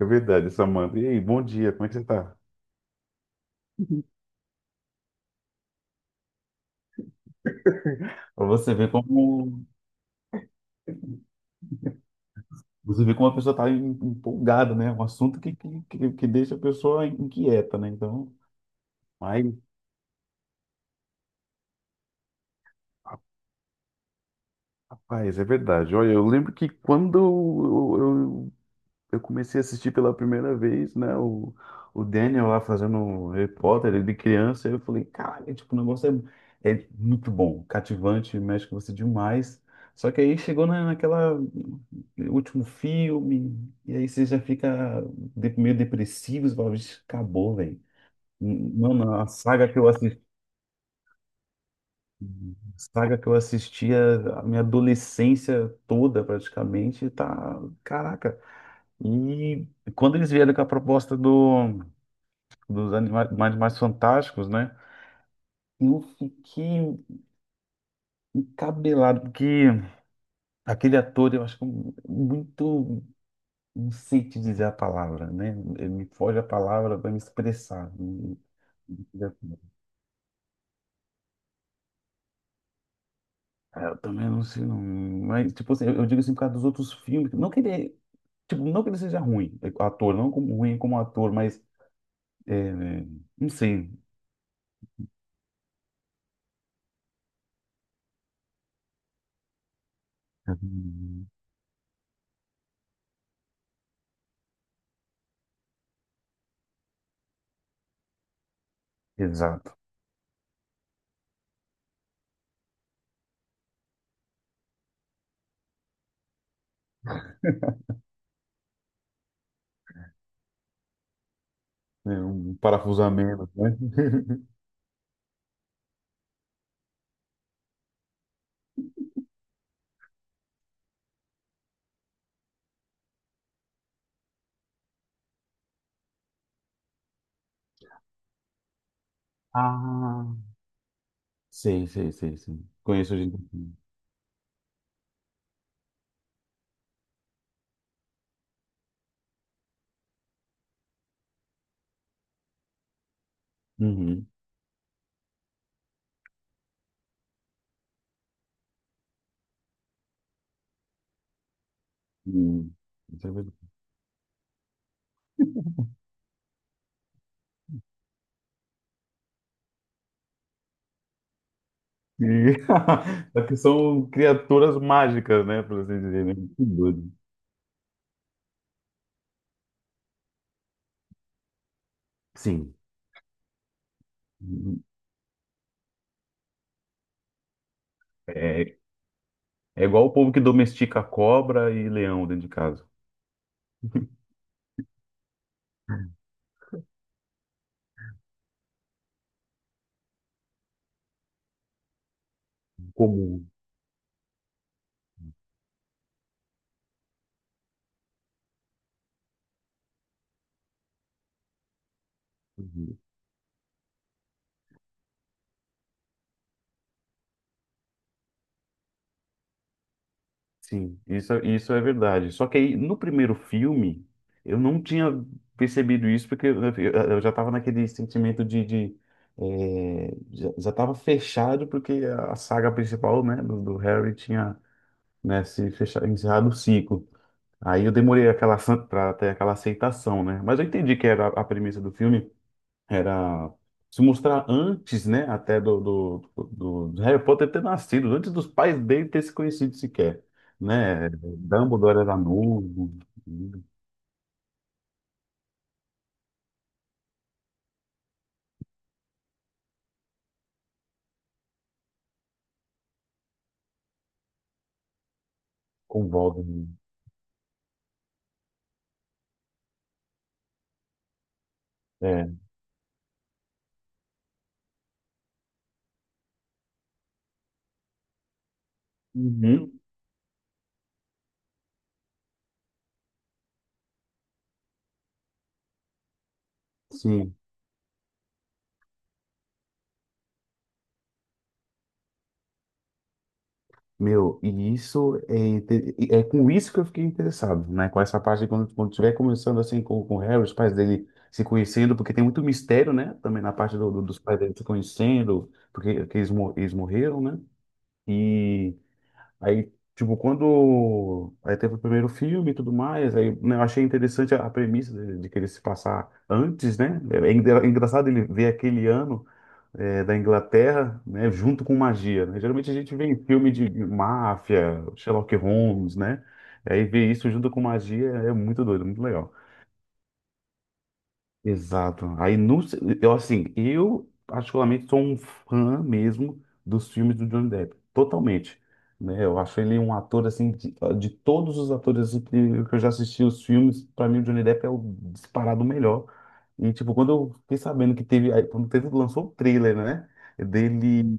É verdade, Samanta. E aí, bom dia, como é que você tá? Pra você ver como Você vê como a pessoa tá empolgada, né? Um assunto que deixa a pessoa inquieta, né? Então, mas, rapaz, é verdade. Olha, eu lembro que quando eu, eu comecei a assistir pela primeira vez, né? O Daniel lá fazendo o Harry Potter, ele de criança, eu falei, caralho, tipo, o negócio é muito bom, cativante, mexe com você demais. Só que aí chegou naquela último filme, e aí você já fica meio depressivo, você fala, "Vixe, acabou, velho. Mano, a saga que eu saga que eu assistia a minha adolescência toda, praticamente, tá. Caraca. E quando eles vieram com a proposta dos Animais Fantásticos, né? Eu fiquei encabelado, porque aquele ator, eu acho que é muito. Não sei te dizer a palavra, né? Ele me foge a palavra para me expressar. Ah, eu também não sei, não. Mas, tipo assim, eu digo assim por causa dos outros filmes. Não que ele é Tipo, não que ele seja ruim, ator, não como ruim como ator, mas é, não sei. Hum, exato. É um parafusamento, né? Ah, sei, sei, sei, sei. Conheço gente. Uhum. Uhum. Isso é verdade. E- É que são criaturas mágicas, né? Por assim dizer, né? Que doido. Sim. Uhum. É, é igual o povo que domestica cobra e leão dentro de casa. Comum. Sim, isso, isso é verdade. Só que aí, no primeiro filme, eu não tinha percebido isso, porque eu já estava naquele sentimento já estava fechado, porque a saga principal, né, do Harry tinha, né, se fechado, encerrado o ciclo. Aí eu demorei aquela para ter aquela aceitação, né? Mas eu entendi que era a premissa do filme, era se mostrar antes, né, até do Harry Potter ter nascido, antes dos pais dele ter se conhecido sequer, né? Dumbledore era novo, com Voldemort. É. Uhum. Sim, meu, e isso é com isso que eu fiquei interessado, né? Com essa parte de quando tiver começando assim com o Harry, os pais dele se conhecendo, porque tem muito mistério, né? Também na parte dos pais dele se conhecendo, porque que eles morreram, né? e Aí, tipo, quando. Aí teve o primeiro filme e tudo mais, aí né, eu achei interessante a premissa de querer se passar antes, né? É engraçado ele ver aquele ano, da Inglaterra, né, junto com magia, né? Geralmente a gente vê em filme de máfia, Sherlock Holmes, né? Aí ver isso junto com magia é muito doido, muito legal. Exato. Aí não, eu assim, eu particularmente sou um fã mesmo dos filmes do Johnny Depp, totalmente, né? Eu acho ele um ator assim de todos os atores que eu já assisti os filmes, para mim o Johnny Depp é o disparado melhor. E tipo, quando eu fiquei sabendo que teve, aí, quando teve lançou o trailer, né, dele,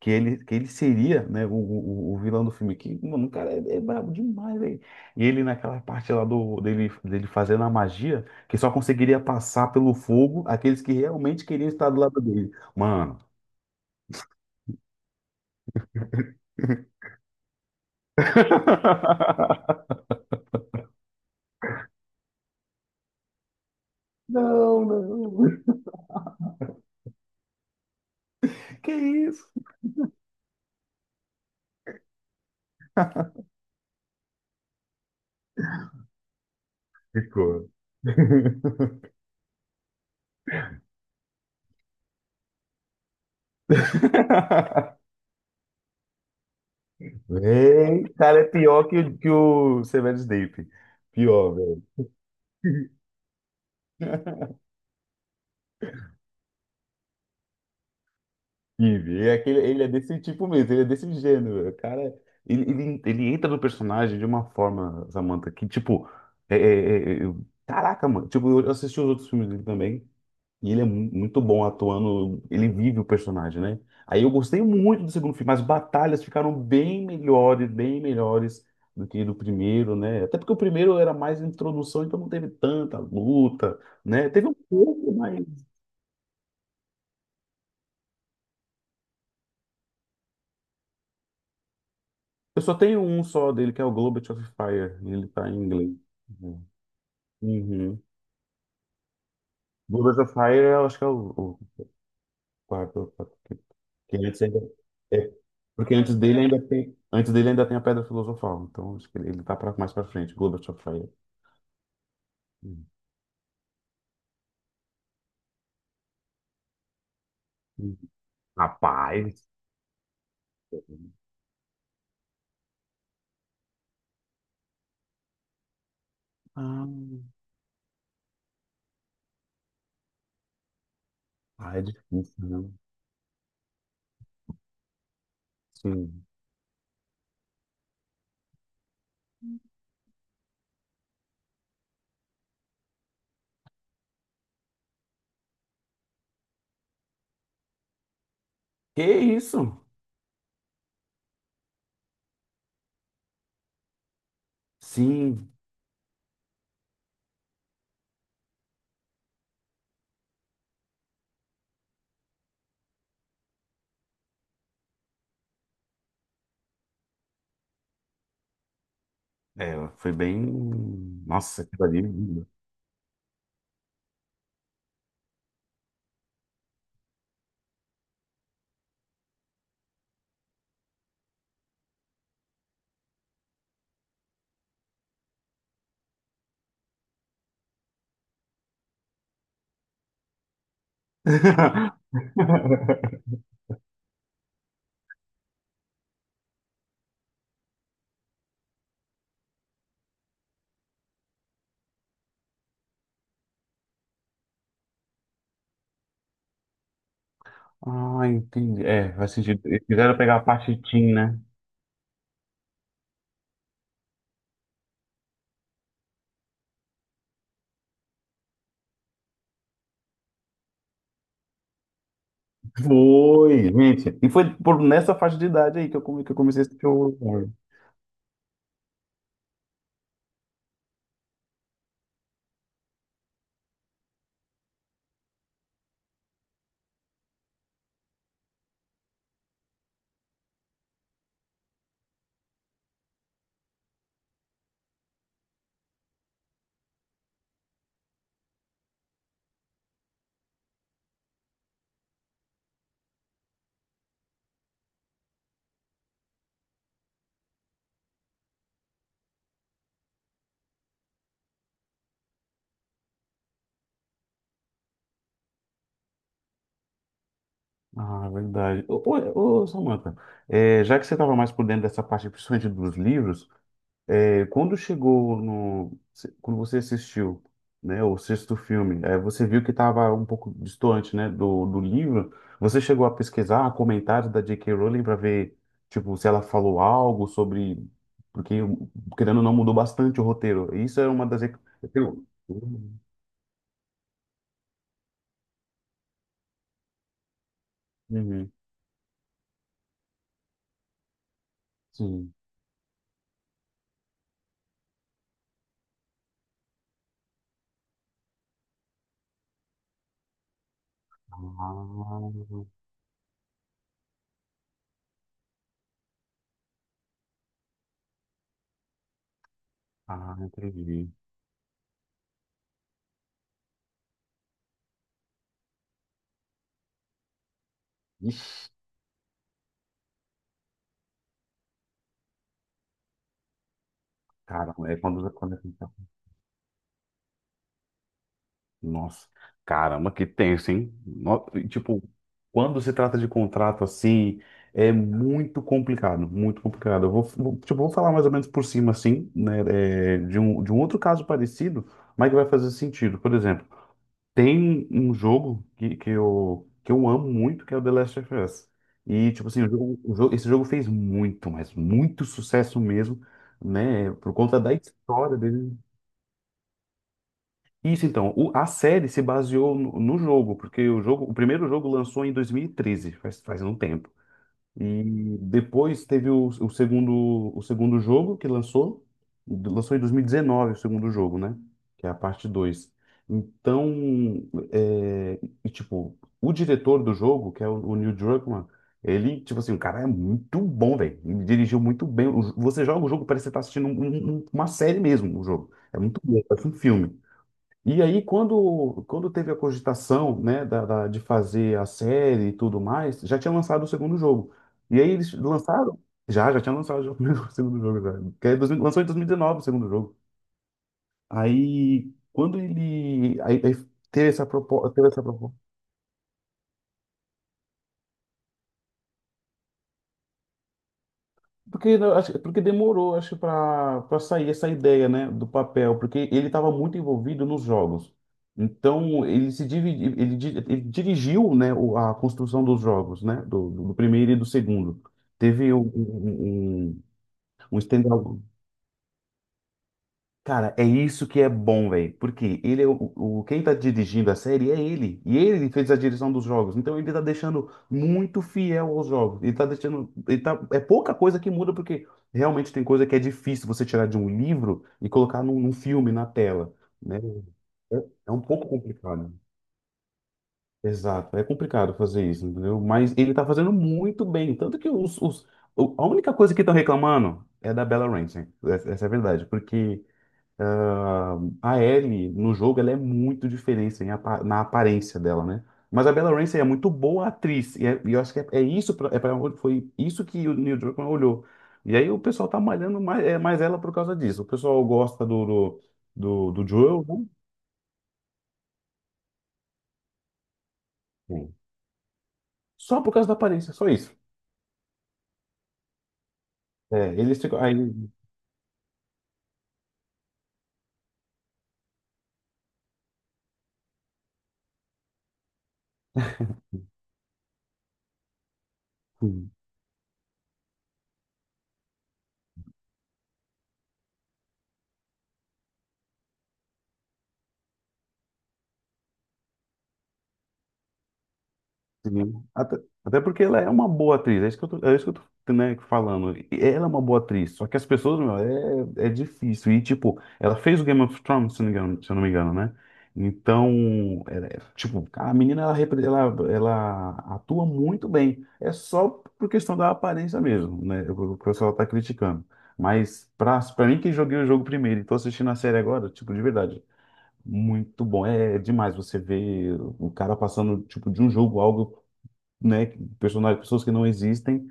que ele seria, né, o vilão do filme, aqui mano, o cara é brabo demais, velho. E ele naquela parte lá dele fazendo a magia, que só conseguiria passar pelo fogo aqueles que realmente queriam estar do lado dele. Mano, não, não. Que isso? Ficou. Véi, cara, é pior que, que o Severo Snape. Pior, velho. Steve. É aquele, ele é desse tipo mesmo, ele é desse gênero. O cara, ele entra no personagem de uma forma, Samantha, que tipo, é, é, caraca, mano. Tipo, eu assisti os outros filmes dele também, e ele é muito bom atuando, ele vive o personagem, né? Aí eu gostei muito do segundo filme, as batalhas ficaram bem melhores do que do primeiro, né? Até porque o primeiro era mais introdução, então não teve tanta luta, né? Teve um pouco. Eu só tenho um só dele, que é o Globet of Fire, e ele tá em inglês. Uhum. Uhum. Globet of Fire, eu acho que é o quarto. O quarto, que antes ainda, é, porque antes dele ainda tem, antes dele ainda tem a Pedra Filosofal. Então acho que ele tá mais pra frente. Globet of Fire. Uhum. Uhum. Rapaz. Ah, ah, é difícil, né? Sim. Que isso? Sim. É, foi bem. Nossa, aquilo ali. Ah, entendi. É, faz sentido. Eles quiseram pegar a parte teen, né? Foi, gente. E foi por nessa faixa de idade aí que que eu comecei a assistir o horror. Ah, verdade. Ô, ô, ô, Samantha, já que você estava mais por dentro dessa parte, principalmente dos livros, É, quando chegou no, quando você assistiu, né, o sexto filme, você viu que estava um pouco distante, né, do livro. Você chegou a pesquisar comentários da J.K. Rowling para ver, tipo, se ela falou algo sobre, porque querendo ou não mudou bastante o roteiro. Isso é uma das. Eu- Uhum, sim. Ah, entendi. Ixi, cara, é quando, quando é nossa, caramba, que tenso, hein? Tipo, quando se trata de contrato assim, é muito complicado, muito complicado. Eu tipo, vou falar mais ou menos por cima, assim, né, de um outro caso parecido, mas que vai fazer sentido. Por exemplo, tem um jogo que eu amo muito, que é o The Last of Us. E, tipo assim, esse jogo fez muito, mas muito sucesso mesmo, né, por conta da história dele. Isso então, a série se baseou no jogo, porque o primeiro jogo lançou em 2013, faz um tempo. E depois teve o segundo jogo que lançou em 2019 o segundo jogo, né? Que é a parte dois. Então, tipo, o diretor do jogo, que é o Neil Druckmann, ele, tipo assim, o cara é muito bom, velho. Ele dirigiu muito bem. Você joga o jogo, parece que você tá assistindo uma série mesmo, o jogo. É muito bom, parece um filme. E aí, quando teve a cogitação, né, de fazer a série e tudo mais, já tinha lançado o segundo jogo. E aí eles lançaram? Já tinha lançado o segundo jogo. Já. Que é 2000, lançou em 2019 o segundo jogo. Aí, quando ele aí teve essa proposta. Porque, não, porque demorou, acho, para sair essa ideia, né, do papel, porque ele estava muito envolvido nos jogos. Então, ele se dividi, ele, di- ele dirigiu, né, a construção dos jogos, né, do primeiro e do segundo. Teve um stand-alone. Cara, é isso que é bom, velho. Porque ele é quem tá dirigindo a série é ele. E ele fez a direção dos jogos. Então ele tá deixando muito fiel aos jogos. Ele tá deixando, ele tá, é pouca coisa que muda, porque realmente tem coisa que é difícil você tirar de um livro e colocar num filme na tela, né? É, é um pouco complicado. Exato, é complicado fazer isso, entendeu? Mas ele tá fazendo muito bem. Tanto que a única coisa que estão reclamando é da Bella Ramsey. Essa é a verdade, porque a Ellie no jogo ela é muito diferente na aparência dela, né? Mas a Bella Ramsey é muito boa atriz e eu acho que é isso pra, é pra, onde- foi isso que o Neil Druckmann olhou. E aí o pessoal tá malhando mais, mais ela por causa disso. O pessoal gosta do Joel, né? Sim. Só por causa da aparência, só isso. É, eles ficam aí. Sim. Até porque ela é uma boa atriz, é isso que eu tô, é isso que eu tô, né, falando. E ela é uma boa atriz, só que as pessoas, meu, é difícil. E, tipo, ela fez o Game of Thrones, se não me engano, se eu não me engano, né? Então, tipo, a menina, ela atua muito bem. É só por questão da aparência mesmo, né? O pessoal tá criticando. Mas, pra mim que joguei o jogo primeiro e tô assistindo a série agora, tipo, de verdade. Muito bom, é demais você ver o cara passando tipo de um jogo algo, né, personagens, pessoas que não existem,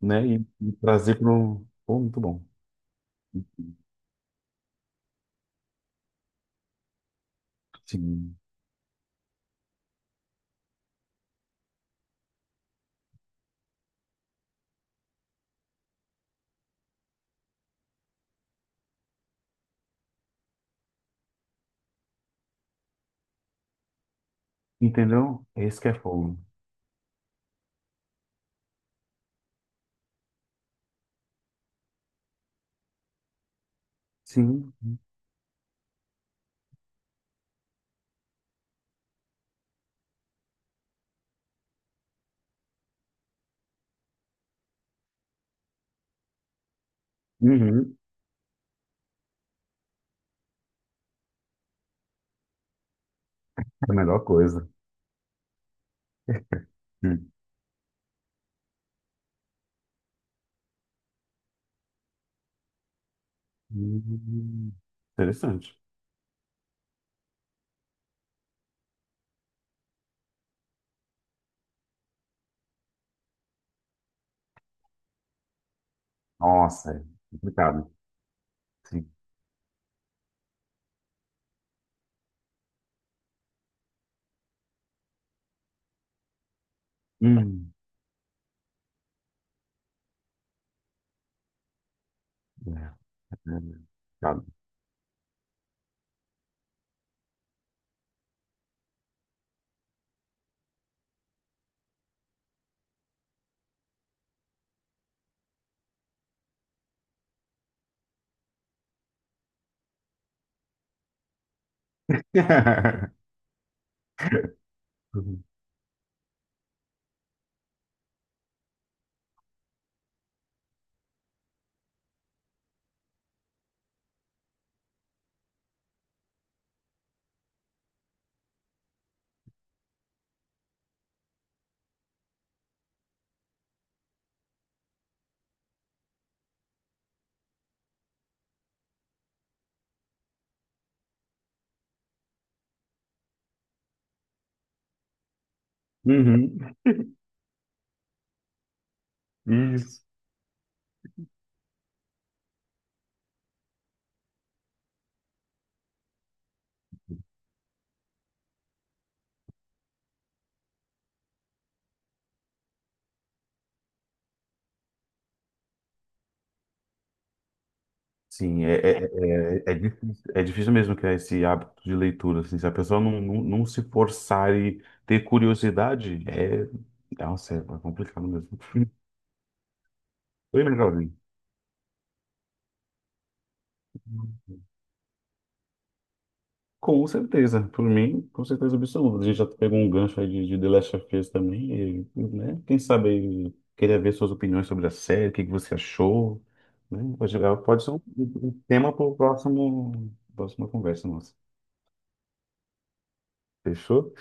né, e trazer para um... Pô, muito bom. Sim. Entendeu? Esse que é fogo. Sim. Uhum. É a melhor coisa. Hum. Hum. Interessante. Nossa, é complicado. Sim. Hum. É, é complicado. Uhum. Isso. Sim, é difícil mesmo criar esse hábito de leitura, assim, se a pessoa não, não, não se forçar e ter curiosidade, nossa, é complicado mesmo. Oi, meu jovem. Com certeza, por mim, com certeza absoluta. A gente já pegou um gancho aí de The Last of Us também, né? Quem sabe aí, queria ver suas opiniões sobre a série, o que que você achou, né? Pode ser um tema para próxima conversa nossa. Fechou?